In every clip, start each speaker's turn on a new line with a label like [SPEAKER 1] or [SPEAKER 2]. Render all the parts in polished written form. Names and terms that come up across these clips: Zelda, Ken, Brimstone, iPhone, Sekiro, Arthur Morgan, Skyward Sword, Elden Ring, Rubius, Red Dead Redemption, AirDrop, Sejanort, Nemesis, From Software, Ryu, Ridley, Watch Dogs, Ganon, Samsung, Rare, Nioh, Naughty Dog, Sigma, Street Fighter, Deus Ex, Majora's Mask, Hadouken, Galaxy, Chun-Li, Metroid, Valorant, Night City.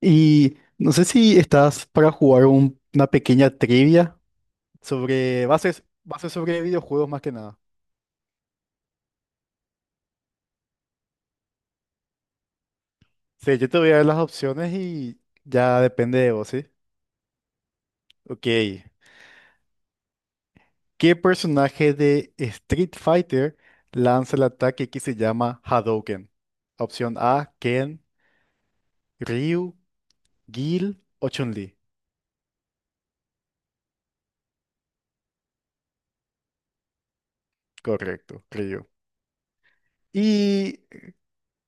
[SPEAKER 1] Y no sé si estás para jugar una pequeña trivia sobre, va a ser sobre videojuegos más que nada. Sí, yo te voy a dar las opciones y ya depende de vos, ¿sí? Ok. ¿Qué personaje de Street Fighter lanza el ataque que se llama Hadouken? Opción A, Ken, Ryu, Gil o Chun-Li. Correcto, Ryu. ¿Y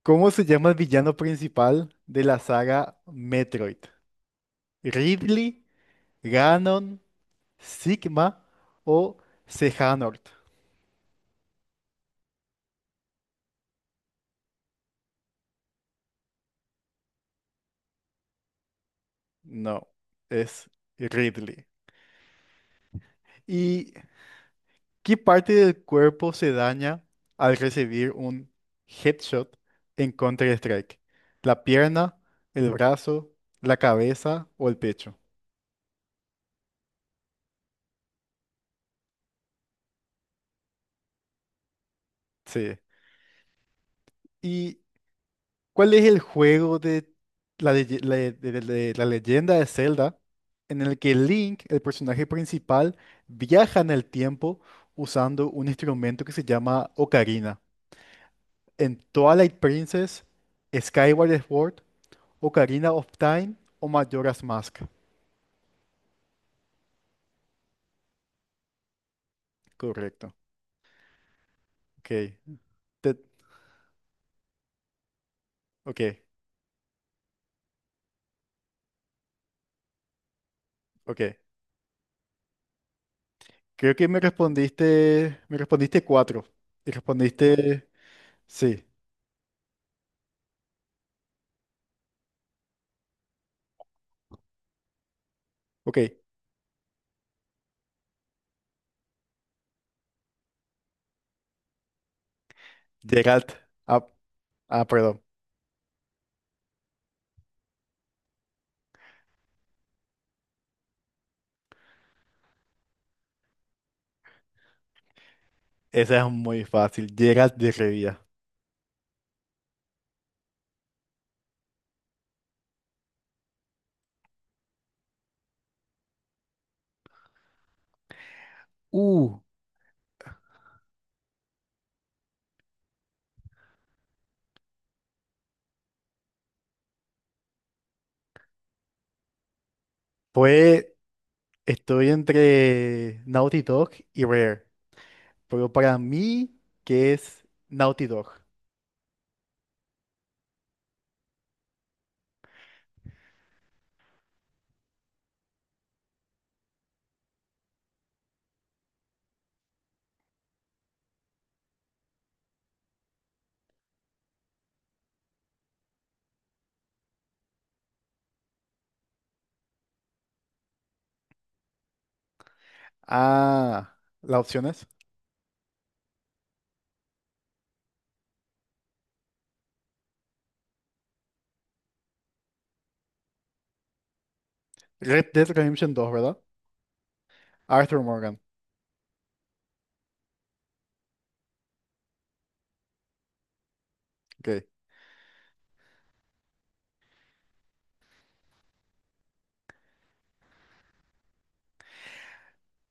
[SPEAKER 1] cómo se llama el villano principal de la saga Metroid? ¿Ridley? Ganon, Sigma o Sejanort. No, es Ridley. ¿Y qué parte del cuerpo se daña al recibir un headshot en Counter-Strike? ¿La pierna, el brazo, la cabeza o el pecho? Sí. Y ¿cuál es el juego de la leyenda de Zelda en el que Link, el personaje principal, viaja en el tiempo usando un instrumento que se llama ocarina? En Twilight Princess, Skyward Sword, Ocarina of Time o Majora's Mask. Correcto. Ok. Te- ok. Ok. Creo que me respondiste cuatro. Y respondiste, sí. Ok. Geralt. Ah, ah, perdón. Esa es muy fácil. Geralt de Rivia. Uh, Pues estoy entre Naughty Dog y Rare. Pero para mí, ¿qué es Naughty Dog? Ah, las opciones. Red Dead Redemption 2, ¿verdad? Arthur Morgan. Ok.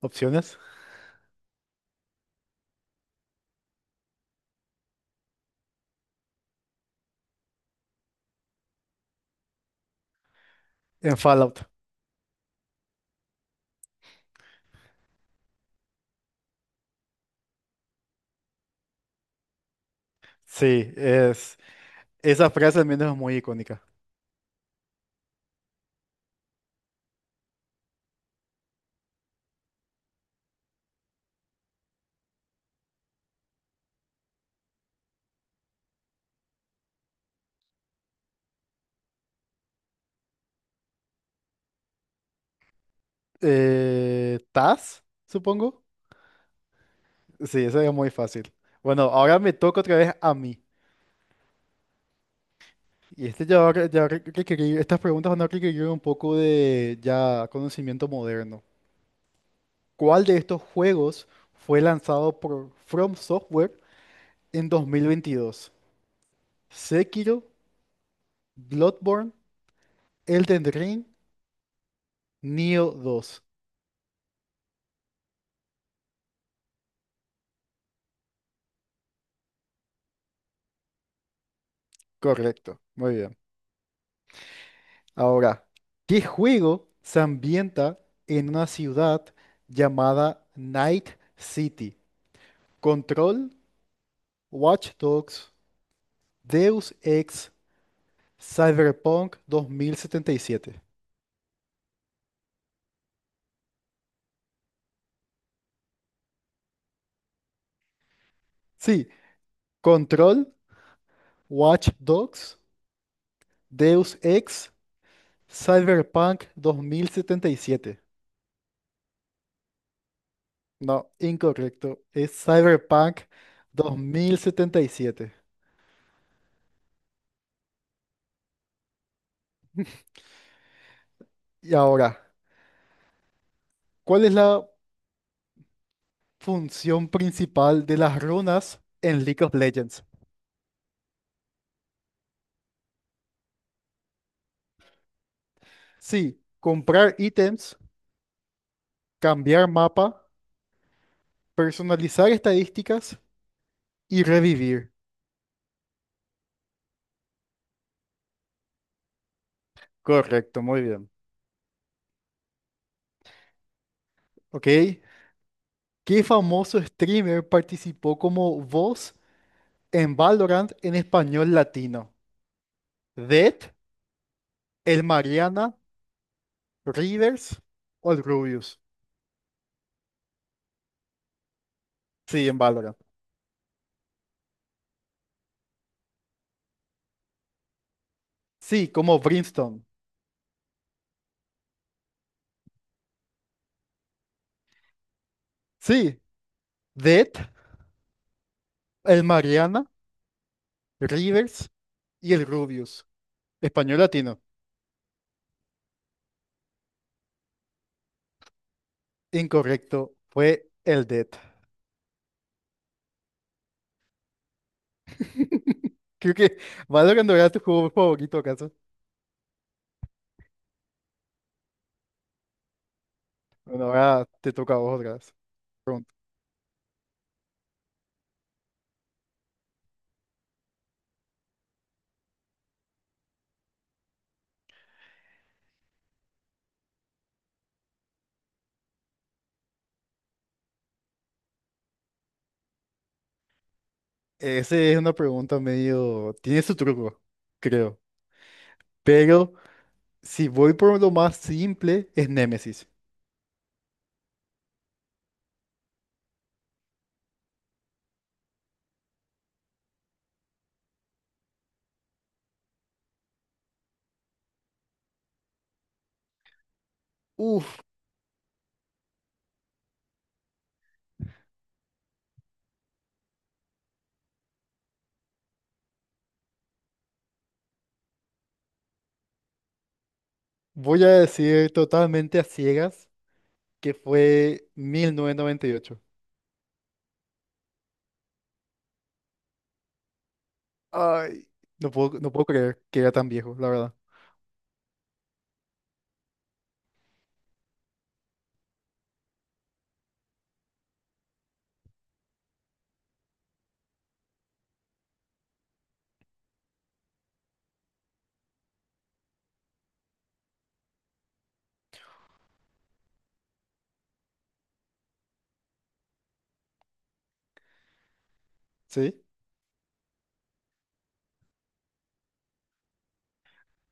[SPEAKER 1] Opciones. En Fallout. Sí, es. Esa frase al menos es muy icónica. Taz, supongo. Sí, esa es muy fácil. Bueno, ahora me toca otra vez a mí. Y este ya va, re- ya re- requerir, estas preguntas van a requerir un poco de ya conocimiento moderno. ¿Cuál de estos juegos fue lanzado por From Software en 2022? Sekiro, Bloodborne, Elden Ring, Nioh 2. Correcto, muy bien. Ahora, ¿qué juego se ambienta en una ciudad llamada Night City? Control, Watch Dogs, Deus Ex, Cyberpunk 2077. Sí, Control, Watch Dogs, Deus Ex, Cyberpunk 2077. No, incorrecto. Es Cyberpunk 2077. Y siete. Y ahora, ¿cuál es la función principal de las runas en League of Legends? Sí, comprar ítems, cambiar mapa, personalizar estadísticas y revivir. Correcto, muy bien. Ok, ¿qué famoso streamer participó como voz en Valorant en español latino? ¿Dead, el Mariana, Rivers o el Rubius? Sí, en Valorant. Sí, como Brimstone. Sí, Dead, el Mariana, Rivers y el Rubius. Español latino. Incorrecto, fue el Dead. Creo que Valorant no era tu juego favorito, ¿acaso? Bueno, ahora te toca a vos otra vez. Esa es una pregunta medio... Tiene su truco, creo. Pero si voy por lo más simple, es Némesis. Uf, voy a decir totalmente a ciegas que fue 1998. Ay, no puedo, no puedo creer que era tan viejo, la verdad. ¿Sí?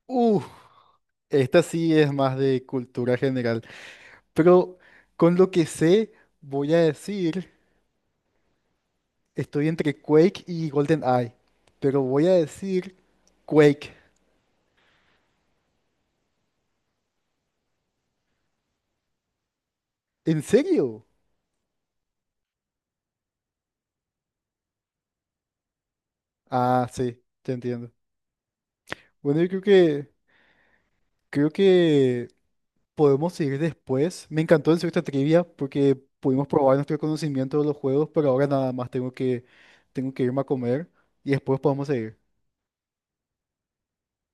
[SPEAKER 1] Uf, esta sí es más de cultura general. Pero con lo que sé, voy a decir, estoy entre Quake y Golden Eye. Pero voy a decir Quake. ¿En serio? Ah, sí, te entiendo. Bueno, yo creo que creo que podemos seguir después. Me encantó hacer esta trivia porque pudimos probar nuestro conocimiento de los juegos, pero ahora nada más tengo que irme a comer y después podemos seguir.